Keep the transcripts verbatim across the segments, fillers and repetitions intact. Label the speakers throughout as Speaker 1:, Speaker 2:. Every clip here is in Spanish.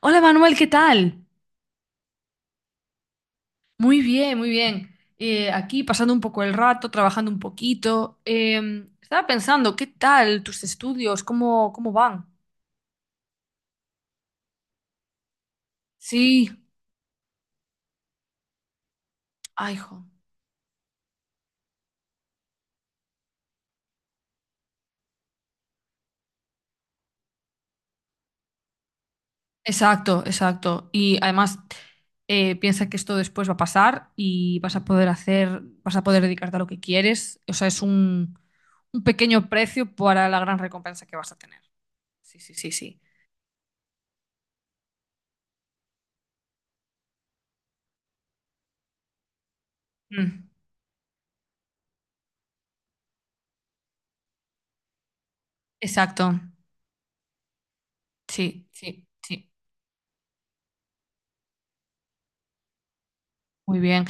Speaker 1: Hola Manuel, ¿qué tal? Muy bien, muy bien. Eh, aquí pasando un poco el rato, trabajando un poquito. Eh, estaba pensando, ¿qué tal tus estudios? ¿Cómo, cómo van? Sí, ay, jo. Exacto, exacto. Y además, eh, piensa que esto después va a pasar y vas a poder hacer, vas a poder dedicarte a lo que quieres. O sea, es un, un pequeño precio para la gran recompensa que vas a tener. Sí, sí, sí, sí. Mm, exacto. Sí, sí, sí. Muy bien.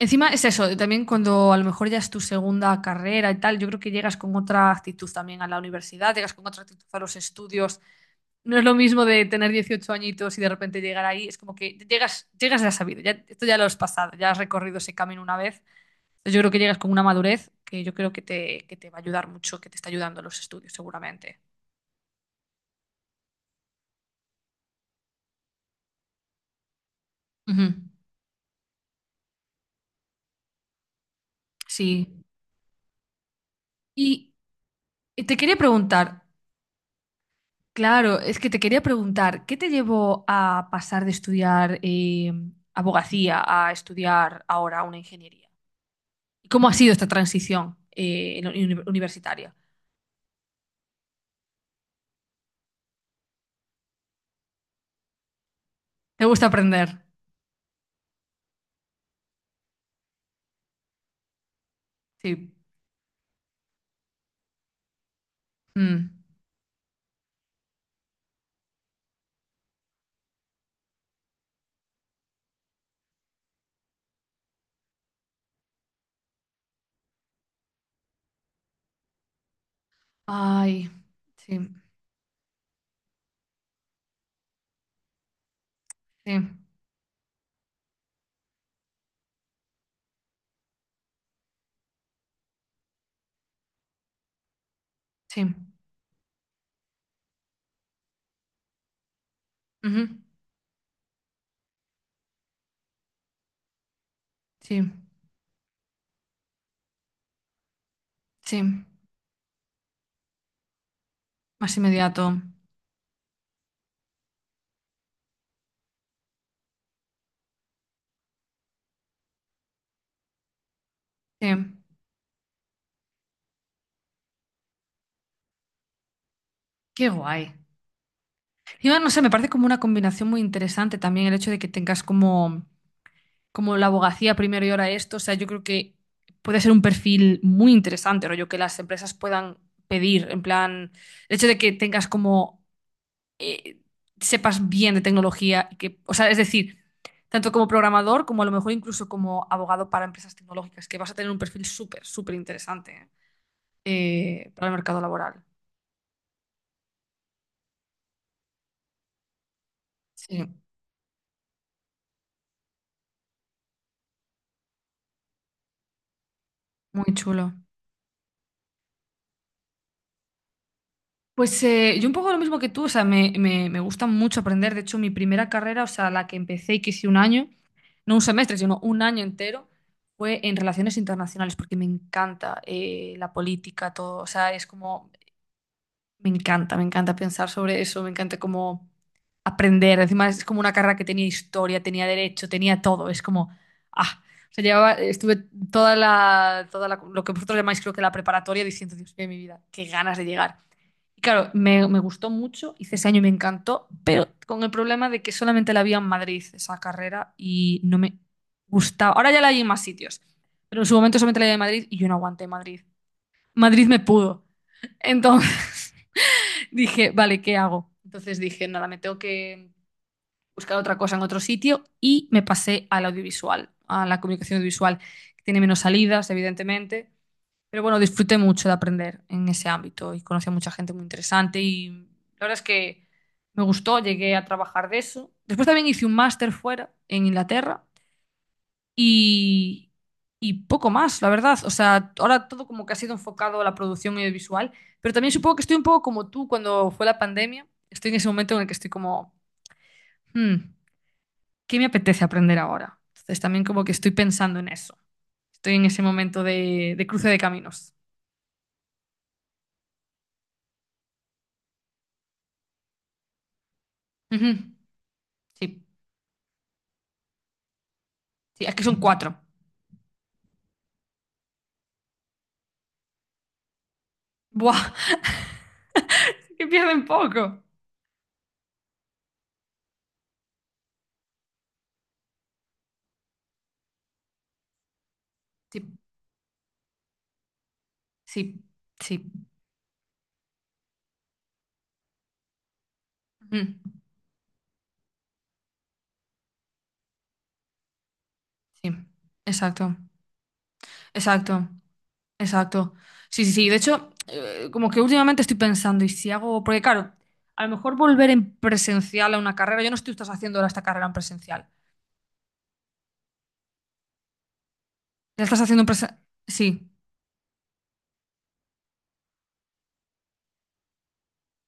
Speaker 1: Encima es eso, también cuando a lo mejor ya es tu segunda carrera y tal, yo creo que llegas con otra actitud también a la universidad, llegas con otra actitud a los estudios. No es lo mismo de tener dieciocho añitos y de repente llegar ahí, es como que llegas, llegas ya sabido, ya, esto ya lo has pasado, ya has recorrido ese camino una vez. Entonces yo creo que llegas con una madurez que yo creo que te, que te va a ayudar mucho, que te está ayudando en los estudios seguramente. Ujú, sí. Y te quería preguntar, claro, es que te quería preguntar, ¿qué te llevó a pasar de estudiar eh, abogacía a estudiar ahora una ingeniería? ¿Y cómo ha sido esta transición eh, en la uni- universitaria? ¿Te gusta aprender? Sí. Mm. Ay, sí, sí, sí. Ujú. Sí, sí. Más inmediato. Sí. Qué guay. Y no sé, me parece como una combinación muy interesante también el hecho de que tengas como como la abogacía primero y ahora esto, o sea, yo creo que puede ser un perfil muy interesante, rollo, que las empresas puedan pedir, en plan, el hecho de que tengas como, eh, sepas bien de tecnología, y que, o sea, es decir, tanto como programador como a lo mejor incluso como abogado para empresas tecnológicas, que vas a tener un perfil súper, súper interesante, ¿eh? Eh, para el mercado laboral. Sí, muy chulo. Pues eh, yo un poco lo mismo que tú, o sea, me, me, me gusta mucho aprender. De hecho, mi primera carrera, o sea, la que empecé y que hice un año, no un semestre, sino un año entero, fue en relaciones internacionales, porque me encanta eh, la política, todo. O sea, es como me encanta, me encanta pensar sobre eso, me encanta como aprender. Encima es como una carrera que tenía historia, tenía derecho, tenía todo. Es como, ah, o sea, llevaba, estuve toda la, toda la- lo que vosotros llamáis creo que la preparatoria diciendo, Dios mío, mi vida, qué ganas de llegar. Y claro, me, me gustó mucho, hice ese año y me encantó, pero con el problema de que solamente la había en Madrid esa carrera y no me gustaba. Ahora ya la hay en más sitios, pero en su momento solamente la había en Madrid y yo no aguanté Madrid. Madrid me pudo. Entonces... dije, vale, ¿qué hago? Entonces dije, nada, me tengo que buscar otra cosa en otro sitio y me pasé al audiovisual, a la comunicación audiovisual, que tiene menos salidas, evidentemente. Pero bueno, disfruté mucho de aprender en ese ámbito y conocí a mucha gente muy interesante y la verdad es que me gustó, llegué a trabajar de eso. Después también hice un máster fuera, en Inglaterra, y, y poco más, la verdad. O sea, ahora todo como que ha sido enfocado a la producción audiovisual, pero también supongo que estoy un poco como tú cuando fue la pandemia. Estoy en ese momento en el que estoy como, "Hmm, ¿qué me apetece aprender ahora? Entonces también como que estoy pensando en eso. Estoy en ese momento de, de cruce de caminos. Ujú. Sí, sí, es que son cuatro. Buah, que pierden poco. Sí, sí, sí. Ujú. Sí, exacto, exacto. Exacto. Sí, sí, sí. De hecho, eh, como que últimamente estoy pensando, y si hago, porque claro, a lo mejor volver en presencial a una carrera, yo no estoy estás haciendo ahora esta carrera en presencial. ¿La estás haciendo en presencial? Sí.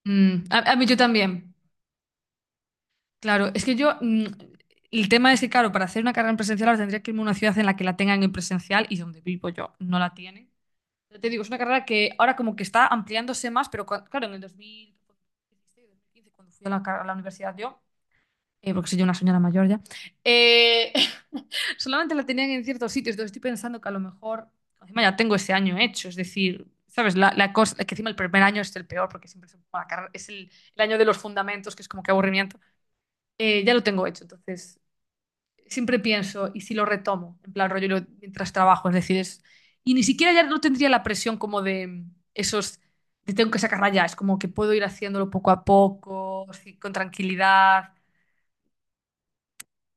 Speaker 1: Mm, A, a mí yo también. Claro, es que yo, mm, el tema es que, claro, para hacer una carrera en presencial ahora tendría que irme a una ciudad en la que la tengan en presencial y donde vivo yo no la tienen. Ya te digo, es una carrera que ahora como que está ampliándose más, pero cua- claro, en el dos mil dieciséis, dos mil quince, cuando fui a la, car- a la universidad yo. eh, porque soy yo una señora mayor ya, eh, solamente la tenían en ciertos sitios, entonces estoy pensando que a lo mejor, encima ya tengo ese año hecho, es decir, ¿sabes? La, la cosa, que encima el primer año es el peor, porque siempre es, bueno, la carrera- es el, el año de los fundamentos, que es como que aburrimiento, Eh, ya lo tengo hecho, entonces siempre pienso, ¿y si lo retomo? En plan rollo y lo- mientras trabajo, es decir, es, y ni siquiera ya no tendría la presión como de esos... de tengo que sacarla ya, es como que puedo ir haciéndolo poco a poco, así, con tranquilidad.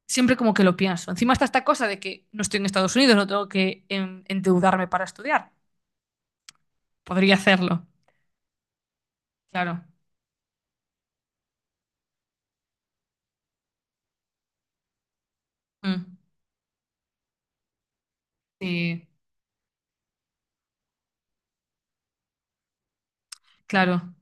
Speaker 1: Siempre como que lo pienso. Encima está esta cosa de que no estoy en Estados Unidos, no tengo que en- endeudarme para estudiar. Podría hacerlo, claro. Mm. Sí, claro,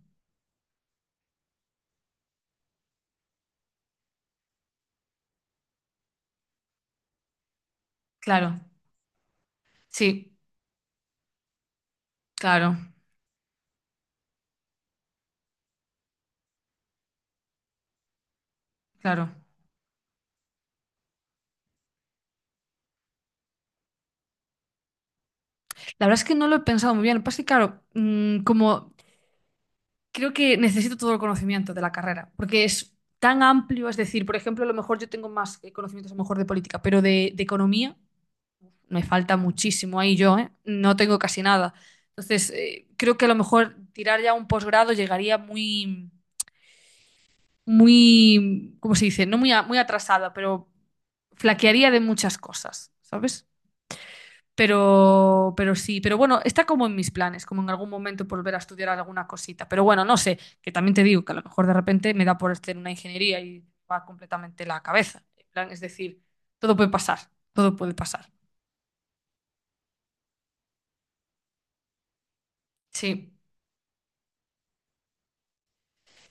Speaker 1: claro. Sí, claro, claro. La verdad es que no lo he pensado muy bien. Lo que pasa es que, claro, mm, como creo que necesito todo el conocimiento de la carrera, porque es tan amplio, es decir, por ejemplo, a lo mejor yo tengo más eh, conocimientos a lo mejor de política, pero de, de economía. Me falta muchísimo ahí yo, ¿eh? No tengo casi nada. Entonces, eh, creo que a lo mejor tirar ya un posgrado llegaría muy, muy, ¿cómo se dice? No muy, a- muy atrasada, pero flaquearía de muchas cosas, ¿sabes? Pero, pero sí, pero bueno, está como en mis planes, como en algún momento volver a estudiar alguna cosita. Pero bueno, no sé, que también te digo que a lo mejor de repente me da por hacer una ingeniería y va completamente la cabeza. En plan, es decir, todo puede pasar, todo puede pasar. Sí.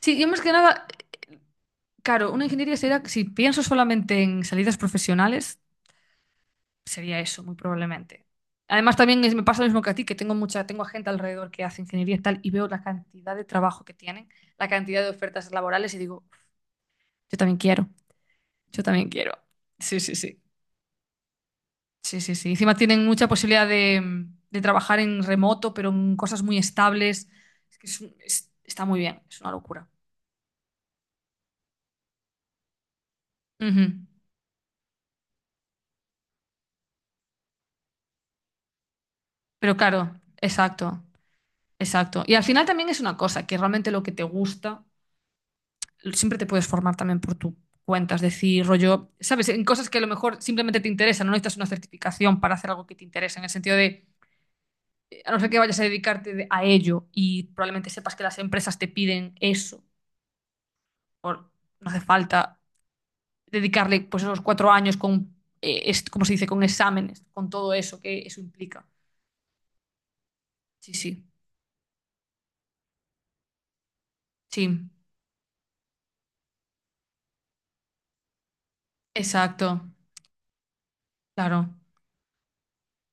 Speaker 1: Sí, yo más que nada claro, una ingeniería sería, si pienso solamente en salidas profesionales, sería eso, muy probablemente. Además, también es- me pasa lo mismo que a ti, que tengo mucha, tengo a gente alrededor que hace ingeniería y tal, y veo la cantidad de trabajo que tienen, la cantidad de ofertas laborales, y digo, yo también quiero, yo también quiero. Sí, sí, sí. Sí, sí, sí. Encima tienen mucha posibilidad de, de trabajar en remoto, pero en cosas muy estables. Es que es un- es- está muy bien, es una locura. Ujú. Pero claro, exacto. Exacto. Y al final también es una cosa, que realmente lo que te gusta, siempre te puedes formar también por tu cuenta, es decir, rollo, sabes, en cosas que a lo mejor simplemente te interesan, no necesitas una certificación para hacer algo que te interesa, en el sentido de, eh, a no ser que vayas a dedicarte de- a ello y probablemente sepas que las empresas te piden eso, por, no hace falta dedicarle pues esos cuatro años con, eh, es- ¿cómo se dice?, con exámenes, con todo eso que eso implica. Sí, sí, sí, exacto, claro.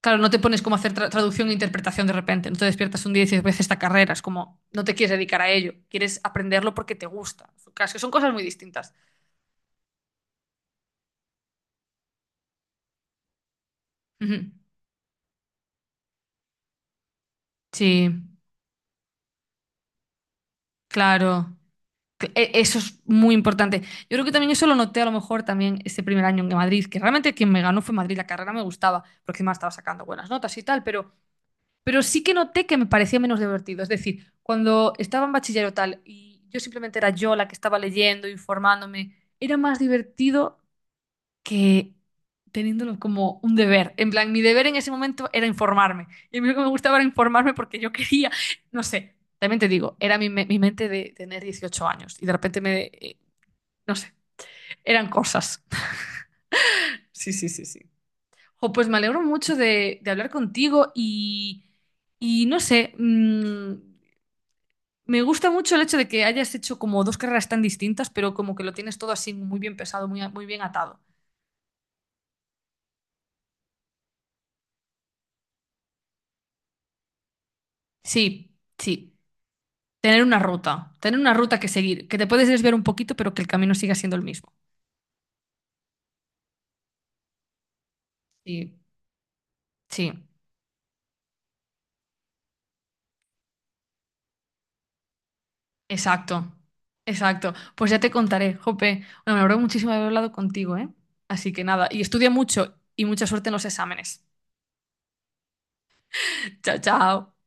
Speaker 1: Claro, no te pones como a hacer tra- traducción e interpretación de repente, no te despiertas un día y dices, voy a hacer esta carrera, es como, no te quieres dedicar a ello, quieres aprenderlo porque te gusta. Claro, es que son cosas muy distintas. Ujú. Sí, claro. Cl- e- Eso es muy importante. Yo creo que también eso lo noté a lo mejor también este primer año en Madrid, que realmente quien me ganó fue Madrid, la carrera me gustaba, porque encima estaba sacando buenas notas y tal, pero, pero sí que noté que me parecía menos divertido. Es decir, cuando estaba en bachillerato tal y yo simplemente era yo la que estaba leyendo, informándome era más divertido que teniéndolo como un deber. En plan, mi deber en ese momento era informarme. Y a mí lo que me gustaba era informarme porque yo quería, no sé, también te digo, era mi, me- mi mente de tener dieciocho años y de repente me, eh, no sé, eran cosas. Sí, sí, sí, sí. Jo, pues me alegro mucho de, de hablar contigo y, y no sé, mm, me gusta mucho el hecho de que hayas hecho como dos carreras tan distintas, pero como que lo tienes todo así muy bien pesado, muy, a- muy bien atado. Sí, sí. Tener una ruta, tener una ruta que seguir, que te puedes desviar un poquito, pero que el camino siga siendo el mismo. Sí, sí, exacto, exacto. Pues ya te contaré, Jope. Bueno, me alegro muchísimo de haber hablado contigo, ¿eh? Así que nada, y estudia mucho y mucha suerte en los exámenes. Chao, chao.